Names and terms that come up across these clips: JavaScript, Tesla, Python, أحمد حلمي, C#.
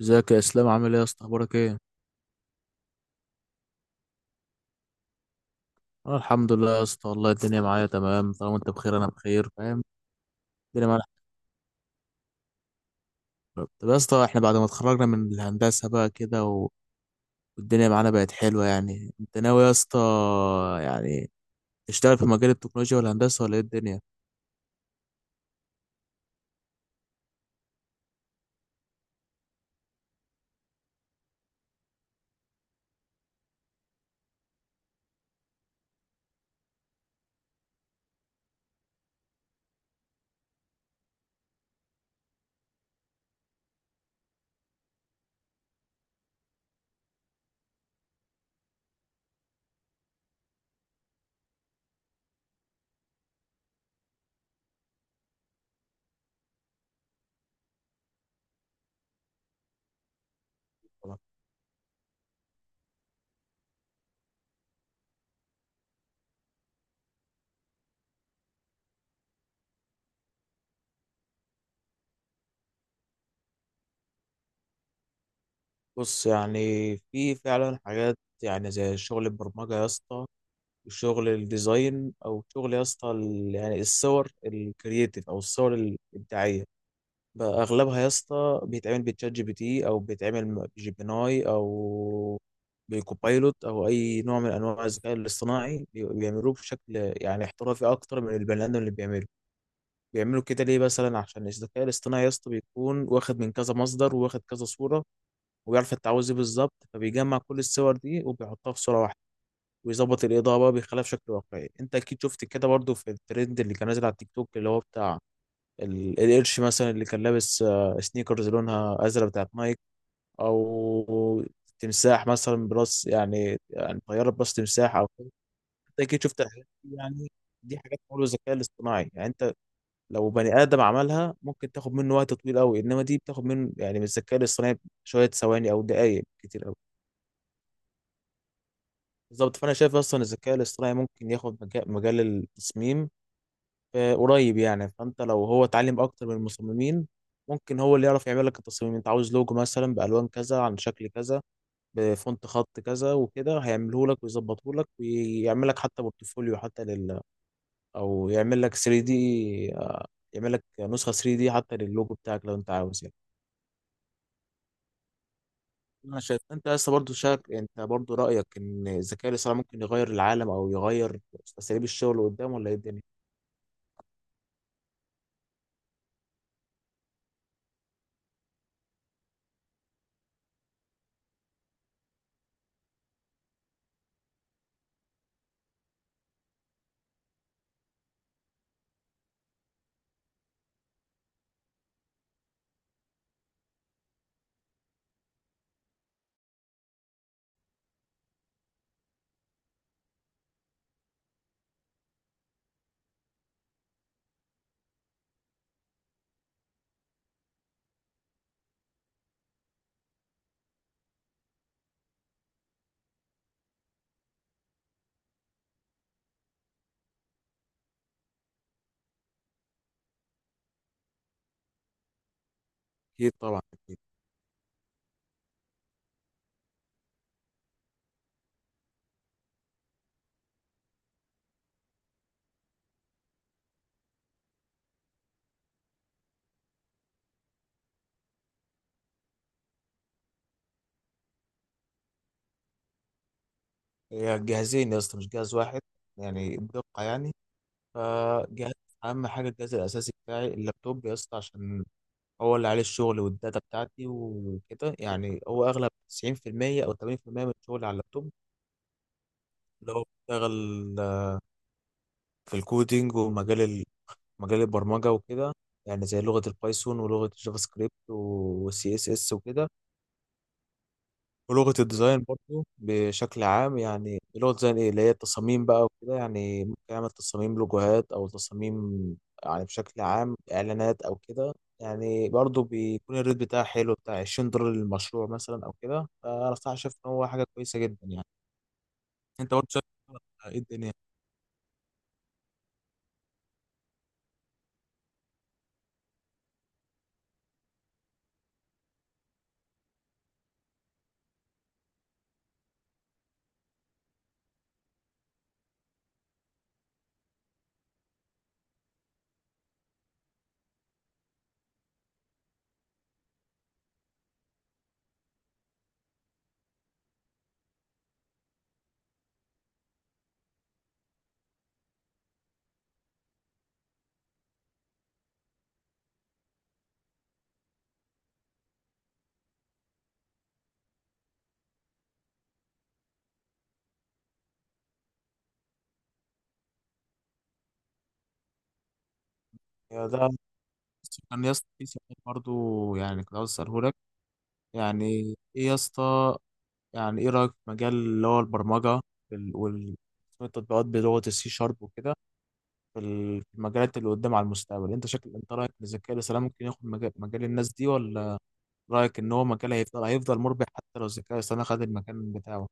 ازيك يا اسلام، عامل ايه يا اسطى، اخبارك ايه؟ انا الحمد لله يا اسطى، والله الدنيا معايا تمام. طالما انت بخير انا بخير، فاهم. الدنيا معانا حلوة. طب يا اسطى، احنا بعد ما اتخرجنا من الهندسه بقى كده والدنيا معانا بقت حلوه. يعني انت ناوي يا اسطى، يعني تشتغل في مجال التكنولوجيا والهندسه ولا ايه الدنيا؟ بص، يعني في فعلا حاجات، يعني زي شغل البرمجة يا اسطى، وشغل الديزاين، او شغل يا اسطى يعني الصور الكرييتيف او الصور الابداعية، بقى اغلبها يا اسطى بيتعمل بتشات جي بي تي او بيتعمل بجيبناي او بكوبايلوت او اي نوع من انواع الذكاء الاصطناعي بيعملوه بشكل يعني احترافي اكتر من البني ادم اللي بيعمله. بيعملوا كده ليه؟ مثلا عشان الذكاء الاصطناعي يا اسطى بيكون واخد من كذا مصدر وواخد كذا صوره، وبيعرف انت عاوز ايه بالظبط، فبيجمع كل الصور دي وبيحطها في صوره واحده، ويظبط الاضاءه بقى، بيخليها بشكل واقعي. انت اكيد شفت كده برضو في الترند اللي كان نازل على التيك توك، اللي هو بتاع القرش مثلا اللي كان لابس سنيكرز لونها ازرق بتاعت نايك، او تمساح مثلا براس، يعني طياره براس تمساح او كده. انت اكيد شفت الحاجات دي يعني. دي حاجات معموله بالذكاء الاصطناعي، يعني انت لو بني ادم عملها ممكن تاخد منه وقت طويل قوي، انما دي بتاخد منه، يعني من الذكاء الاصطناعي، شويه ثواني او دقائق كتير قوي. بالظبط. فانا شايف اصلا الذكاء الاصطناعي ممكن ياخد مجال التصميم قريب يعني. فانت لو هو اتعلم اكتر من المصممين، ممكن هو اللي يعرف يعمل لك التصميم. انت عاوز لوجو مثلا بالوان كذا، عن شكل كذا، بفونت خط كذا، وكده هيعمله لك ويظبطه لك، ويعمل لك حتى بورتفوليو حتى لل، او يعمل لك 3D دي، يعمل لك نسخه 3D دي حتى للوجو بتاعك لو انت عاوز يعني. انا شايف انت لسه برضه شاك، انت برضه رايك ان الذكاء الاصطناعي ممكن يغير العالم او يغير اساليب الشغل قدام ولا ايه الدنيا؟ اكيد طبعا. هي جهازين يا اسطى، مش جهاز واحد، يعني بدقة يعني. فجهاز، أهم حاجة الجهاز الأساسي بتاعي اللابتوب يا اسطى، عشان هو اللي عليه الشغل والداتا بتاعتي وكده. يعني هو أغلب 90% أو 80% من شغلي على اللابتوب، اللي هو بشتغل في الكودينج ومجال مجال البرمجة وكده، يعني زي لغة البايثون ولغة الجافا سكريبت والسي اس اس وكده، ولغة الديزاين برضو بشكل عام. يعني لغة الديزاين ايه؟ اللي هي التصاميم بقى وكده، يعني ممكن اعمل تصاميم لوجوهات او تصاميم يعني بشكل عام اعلانات او كده. يعني برضو بيكون الريت بتاعها حلو، بتاع 20 دولار للمشروع مثلا او كده. فانا صراحة شايف ان هو حاجة كويسة جدا يعني. انت برضو شايف ايه الدنيا يعني؟ ده كان يا اسطى في سؤال برضو، يعني كنت عاوز اساله لك يعني، ايه يا اسطى، يعني ايه رايك في مجال اللي هو البرمجة وال وال- تطبيقات بلغة السي شارب وكده، في في المجالات اللي قدام على المستقبل، انت شكل انت رايك ان الذكاء الاصطناعي ممكن ياخد مجال الناس دي، ولا رايك ان هو مجال هيفضل مربح حتى لو الذكاء الاصطناعي خد المكان بتاعه؟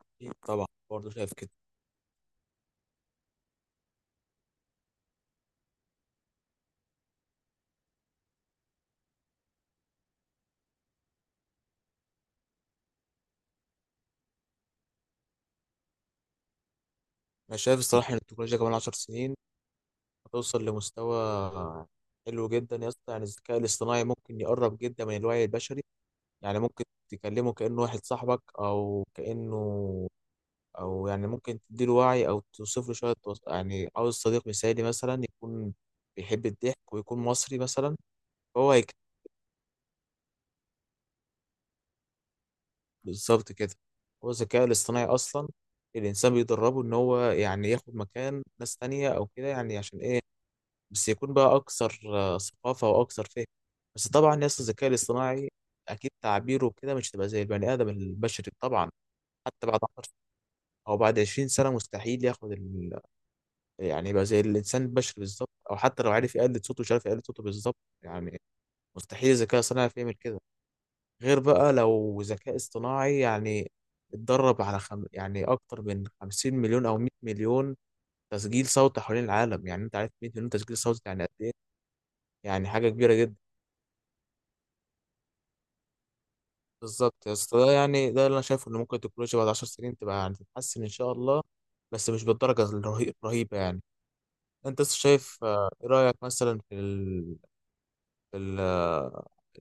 أكيد طبعا، برضه شايف كده. انا شايف الصراحه ان التكنولوجيا كمان 10 سنين هتوصل لمستوى حلو جدا يا اسطى. يعني الذكاء الاصطناعي ممكن يقرب جدا من الوعي البشري. يعني ممكن تكلمه كانه واحد صاحبك او كانه، او يعني ممكن تديله وعي او توصف له شويه يعني عاوز صديق مثالي مثلا يكون بيحب الضحك ويكون مصري مثلا. هو هيك بالظبط كده. هو الذكاء الاصطناعي اصلا الانسان بيدربه ان هو يعني ياخد مكان ناس تانية او كده، يعني عشان ايه؟ بس يكون بقى اكثر ثقافه واكثر فهم. بس طبعا يا اسطى الذكاء الاصطناعي اكيد تعبيره كده مش هتبقى زي البني ادم البشري طبعا. حتى بعد 10 او بعد 20 سنه مستحيل ياخد، يعني يبقى زي الانسان البشري بالظبط، او حتى لو عارف يقلد صوته، مش عارف يقلد صوته بالظبط يعني. مستحيل الذكاء الصناعي يعرف يعمل كده، غير بقى لو ذكاء اصطناعي يعني اتدرب على يعني اكتر من 50 مليون او 100 مليون تسجيل صوت حوالين العالم. يعني انت عارف 100 مليون تسجيل صوت يعني قد ايه؟ يعني حاجه كبيره جدا. بالظبط يا اسطى، ده يعني ده اللي انا شايفه، ان ممكن التكنولوجيا بعد 10 سنين تبقى يعني تتحسن ان شاء الله، بس مش بالدرجه الرهيبه يعني. انت لسه شايف ايه رايك مثلا في ال-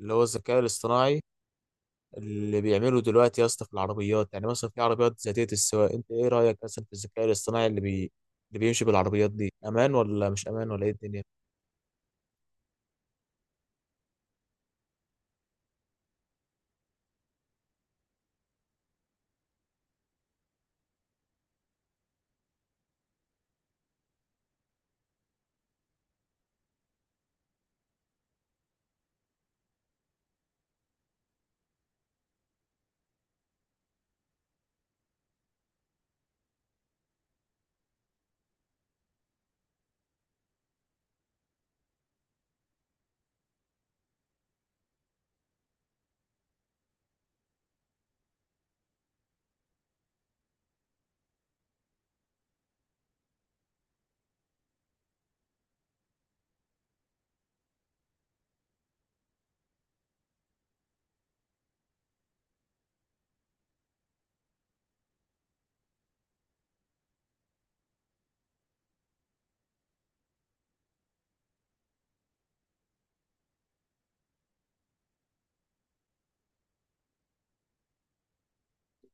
اللي هو الذكاء الاصطناعي اللي بيعمله دلوقتي يا اسطى في العربيات، يعني مثلا في عربيات ذاتية السواقة، انت ايه رأيك مثلا في الذكاء الاصطناعي اللي بيمشي بالعربيات دي، امان ولا مش امان ولا ايه الدنيا؟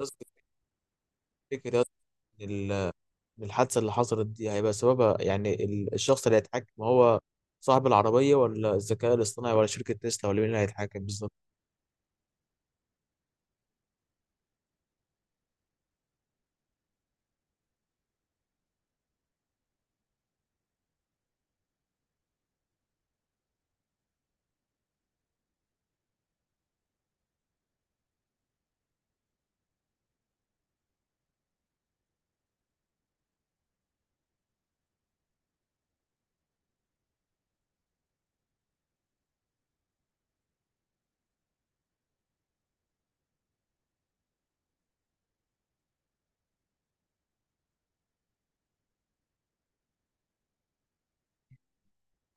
الناس بتفتكر يا اسطى ان إن الحادثة اللي حصلت دي هيبقى سببها يعني الشخص اللي هيتحكم، هو صاحب العربية ولا الذكاء الاصطناعي ولا شركة تسلا ولا مين اللي هيتحكم بالظبط؟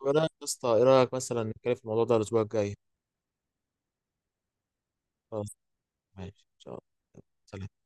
ايه رأيك يا اسطى؟ ايه رأيك مثلا نتكلم في الموضوع ده الاسبوع الجاي؟ خلاص، ماشي ان شاء الله. سلام.